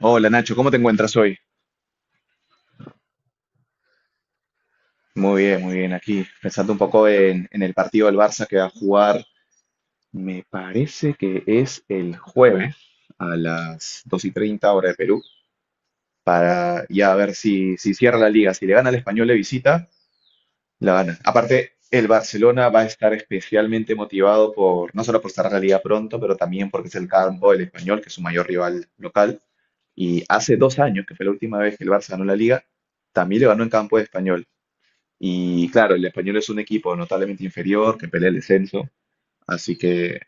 Hola Nacho, ¿cómo te encuentras hoy? Muy bien, muy bien. Aquí pensando un poco en el partido del Barça que va a jugar, me parece que es el jueves a las 2:30 hora de Perú, para ya ver si cierra la liga. Si le gana al Español de visita, la gana. Aparte, el Barcelona va a estar especialmente motivado por, no solo por cerrar la liga pronto, pero también porque es el campo del Español, que es su mayor rival local. Y hace 2 años, que fue la última vez que el Barça ganó la liga, también le ganó en campo de Español. Y claro, el español es un equipo notablemente inferior que pelea el descenso, así que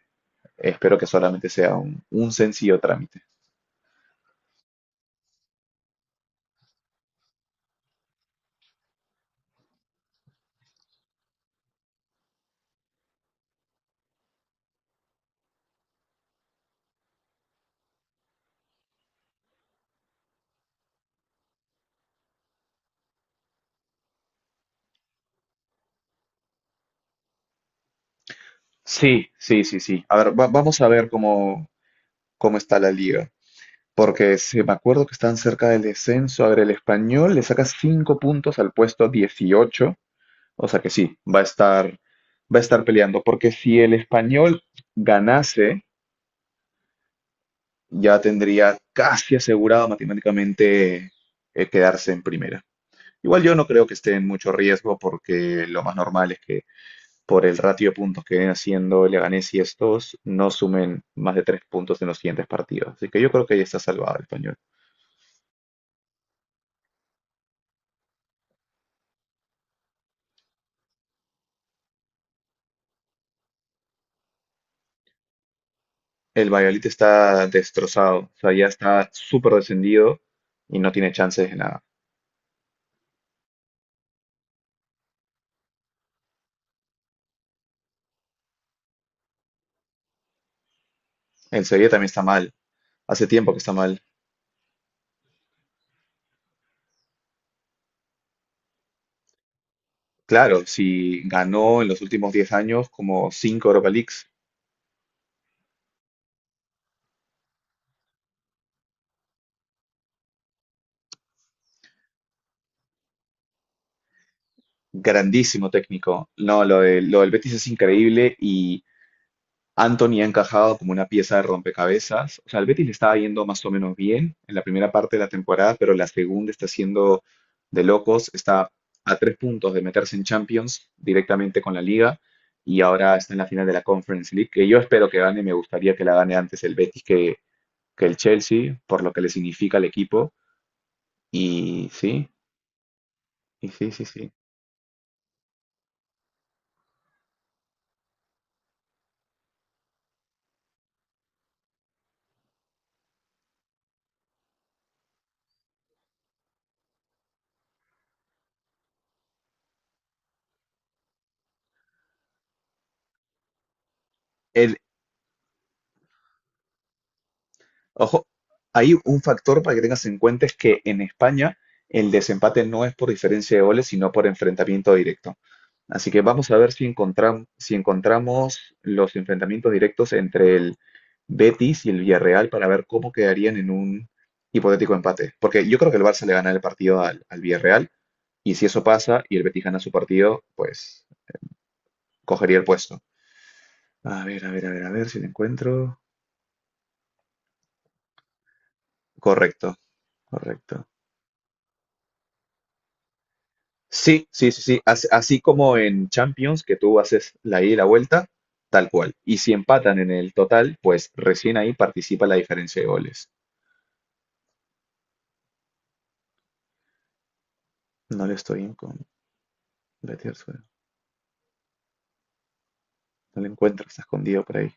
espero que solamente sea un sencillo trámite. Sí, sí, sí, sí. A ver, vamos a ver cómo, cómo está la liga, porque si me acuerdo que están cerca del descenso. A ver, el español le saca 5 puntos al puesto 18, o sea que sí, va a estar peleando, porque si el español ganase, ya tendría casi asegurado matemáticamente quedarse en primera. Igual yo no creo que esté en mucho riesgo porque lo más normal es que por el ratio de puntos que vienen haciendo Leganés y estos no sumen más de 3 puntos en los siguientes partidos. Así que yo creo que ya está salvado el español. El Valladolid está destrozado, o sea, ya está súper descendido y no tiene chances de nada. El Sevilla también está mal, hace tiempo que está mal. Claro, si ganó en los últimos 10 años como 5 Europa Leagues, grandísimo técnico. No, lo del Betis es increíble y Anthony ha encajado como una pieza de rompecabezas. O sea, el Betis le estaba yendo más o menos bien en la primera parte de la temporada, pero la segunda está siendo de locos. Está a 3 puntos de meterse en Champions directamente con la Liga y ahora está en la final de la Conference League, que yo espero que gane. Me gustaría que la gane antes el Betis que el Chelsea, por lo que le significa al equipo. Y sí, y sí, sí, sí. El Ojo, hay un factor para que tengas en cuenta es que en España el desempate no es por diferencia de goles, sino por enfrentamiento directo. Así que vamos a ver si si encontramos los enfrentamientos directos entre el Betis y el Villarreal para ver cómo quedarían en un hipotético empate. Porque yo creo que el Barça le gana el partido al Villarreal y si eso pasa y el Betis gana su partido, pues cogería el puesto. A ver, a ver, a ver, a ver si lo encuentro. Correcto, correcto. Sí, sí, sí, sí. Así, como en Champions, que tú haces la ida y la vuelta, tal cual. Y si empatan en el total, pues recién ahí participa la diferencia de goles. No le estoy en con... vete. No le encuentro, está escondido por ahí.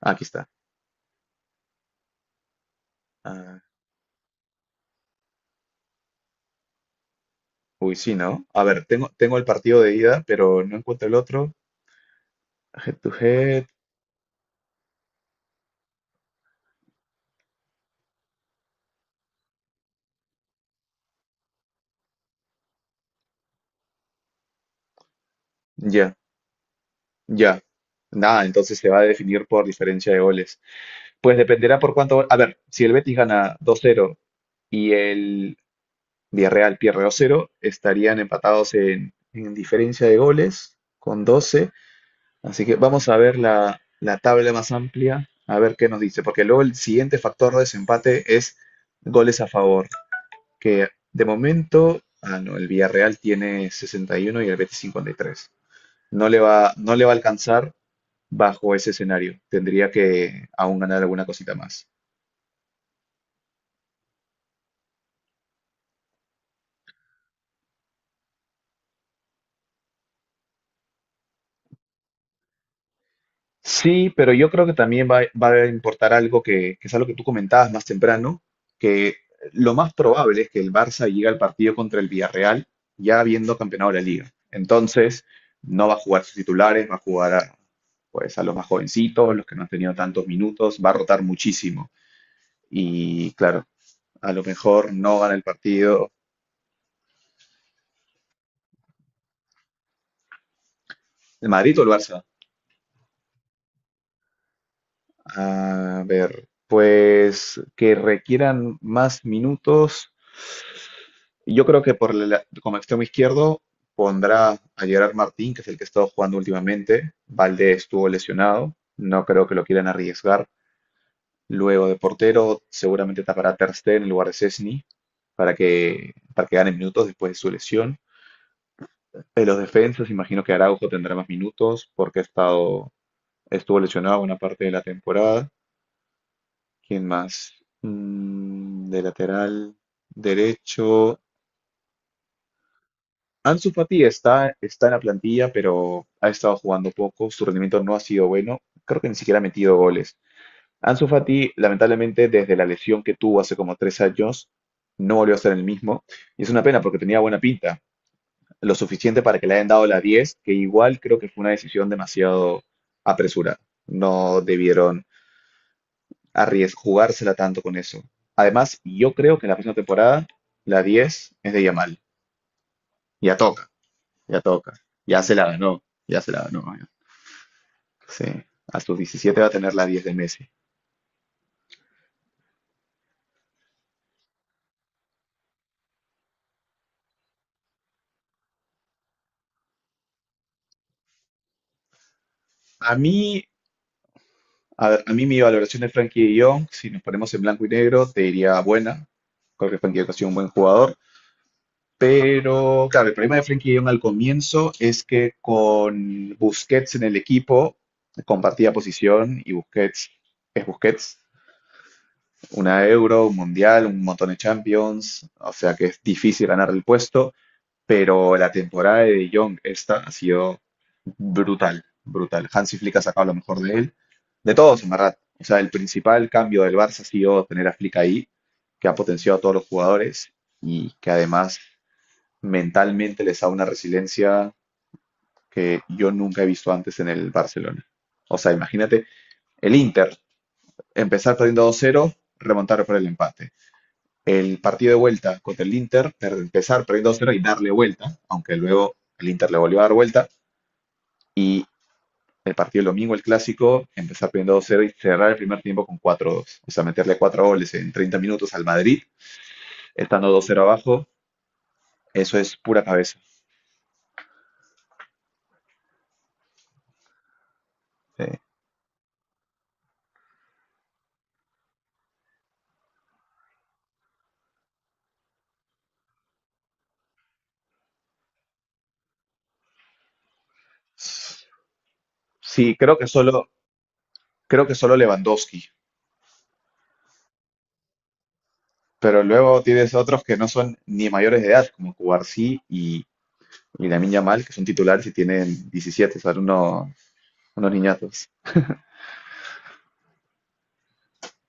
Ah, aquí está. Ah, uy, sí, ¿no? A ver, tengo, tengo el partido de ida, pero no encuentro el otro. Head to head. Ya, ya. Nada, entonces se va a definir por diferencia de goles. Pues dependerá por cuánto. A ver, si el Betis gana dos cero y el Villarreal pierde 2-0, estarían empatados en diferencia de goles con 12. Así que vamos a ver la tabla más amplia, a ver qué nos dice, porque luego el siguiente factor de desempate es goles a favor, que de momento, ah, no, el Villarreal tiene 61 y uno y el Betis 53. No le va, no le va a alcanzar bajo ese escenario. Tendría que aún ganar alguna cosita más. Sí, pero yo creo que también va, va a importar algo que es algo que tú comentabas más temprano, que lo más probable es que el Barça llegue al partido contra el Villarreal ya habiendo campeonado la liga. Entonces, no va a jugar sus titulares, va a jugar pues, a los más jovencitos, los que no han tenido tantos minutos, va a rotar muchísimo. Y claro, a lo mejor no gana el partido el Madrid o el Barça. A ver, pues que requieran más minutos. Yo creo que por el, como extremo izquierdo pondrá a Gerard Martín, que es el que ha estado jugando últimamente. Valdés estuvo lesionado, no creo que lo quieran arriesgar. Luego de portero, seguramente tapará Ter Stegen en lugar de Cesny para que gane minutos después de su lesión. En los defensas, imagino que Araujo tendrá más minutos porque ha estado, estuvo lesionado una parte de la temporada. ¿Quién más? Mm, de lateral derecho, Ansu Fati está en la plantilla, pero ha estado jugando poco, su rendimiento no ha sido bueno, creo que ni siquiera ha metido goles. Ansu Fati, lamentablemente, desde la lesión que tuvo hace como 3 años, no volvió a ser el mismo, y es una pena porque tenía buena pinta, lo suficiente para que le hayan dado la 10. Que igual creo que fue una decisión demasiado apresurada. No debieron arriesgar, jugársela tanto con eso. Además, yo creo que en la próxima temporada la 10 es de Yamal, ya toca. Ya toca. Ya se la ganó. Ya se la ganó. Ya. Sí. A sus 17 va a tener la diez de Messi. A mí, a ver, a mí mi valoración de Frankie de Jong, si nos ponemos en blanco y negro, te diría buena. Creo que Frankie de Jong ha sido un buen jugador. Pero, claro, el problema de Frankie de Jong al comienzo es que con Busquets en el equipo compartía posición y Busquets es Busquets. Una Euro, un Mundial, un montón de Champions. O sea que es difícil ganar el puesto. Pero la temporada de De Jong esta ha sido brutal, brutal. Hansi Flick ha sacado lo mejor de él, de todos en verdad. O sea, el principal cambio del Barça ha sido tener a Flick ahí, que ha potenciado a todos los jugadores y que además mentalmente les da una resiliencia que yo nunca he visto antes en el Barcelona. O sea, imagínate el Inter empezar perdiendo 2-0, remontar por el empate. El partido de vuelta contra el Inter, empezar perdiendo 2-0 y darle vuelta, aunque luego el Inter le volvió a dar vuelta. Y el partido el domingo, el clásico, empezar perdiendo 2-0 y cerrar el primer tiempo con cuatro 2. O sea, meterle 4 goles en 30 minutos al Madrid, estando 2-0 abajo, eso es pura cabeza. Eh, Sí, creo que solo Lewandowski, pero luego tienes otros que no son ni mayores de edad, como Cubarsí y Lamine Yamal, que son titulares y tienen 17, son unos, unos niñatos.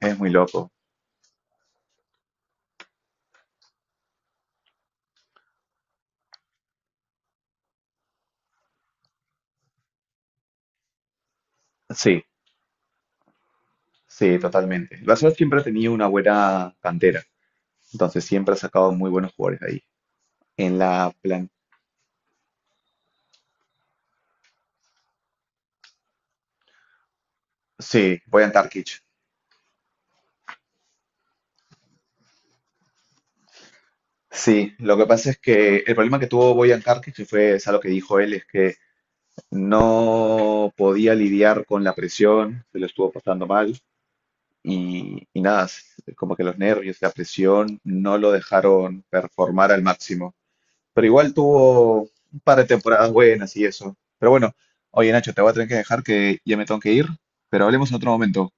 Es muy loco. Sí, sí, totalmente. El Barcelona siempre ha tenido una buena cantera. Entonces siempre ha sacado muy buenos jugadores ahí. En la plan... Sí, Bojan Tarkic. Sí, lo que pasa es que el problema que tuvo Bojan Tarkic, y fue es algo que dijo él, es que no podía lidiar con la presión, se lo estuvo pasando mal. Y nada, como que los nervios, la presión no lo dejaron performar al máximo. Pero igual tuvo un par de temporadas buenas y eso. Pero bueno, oye Nacho, te voy a tener que dejar que ya me tengo que ir, pero hablemos en otro momento.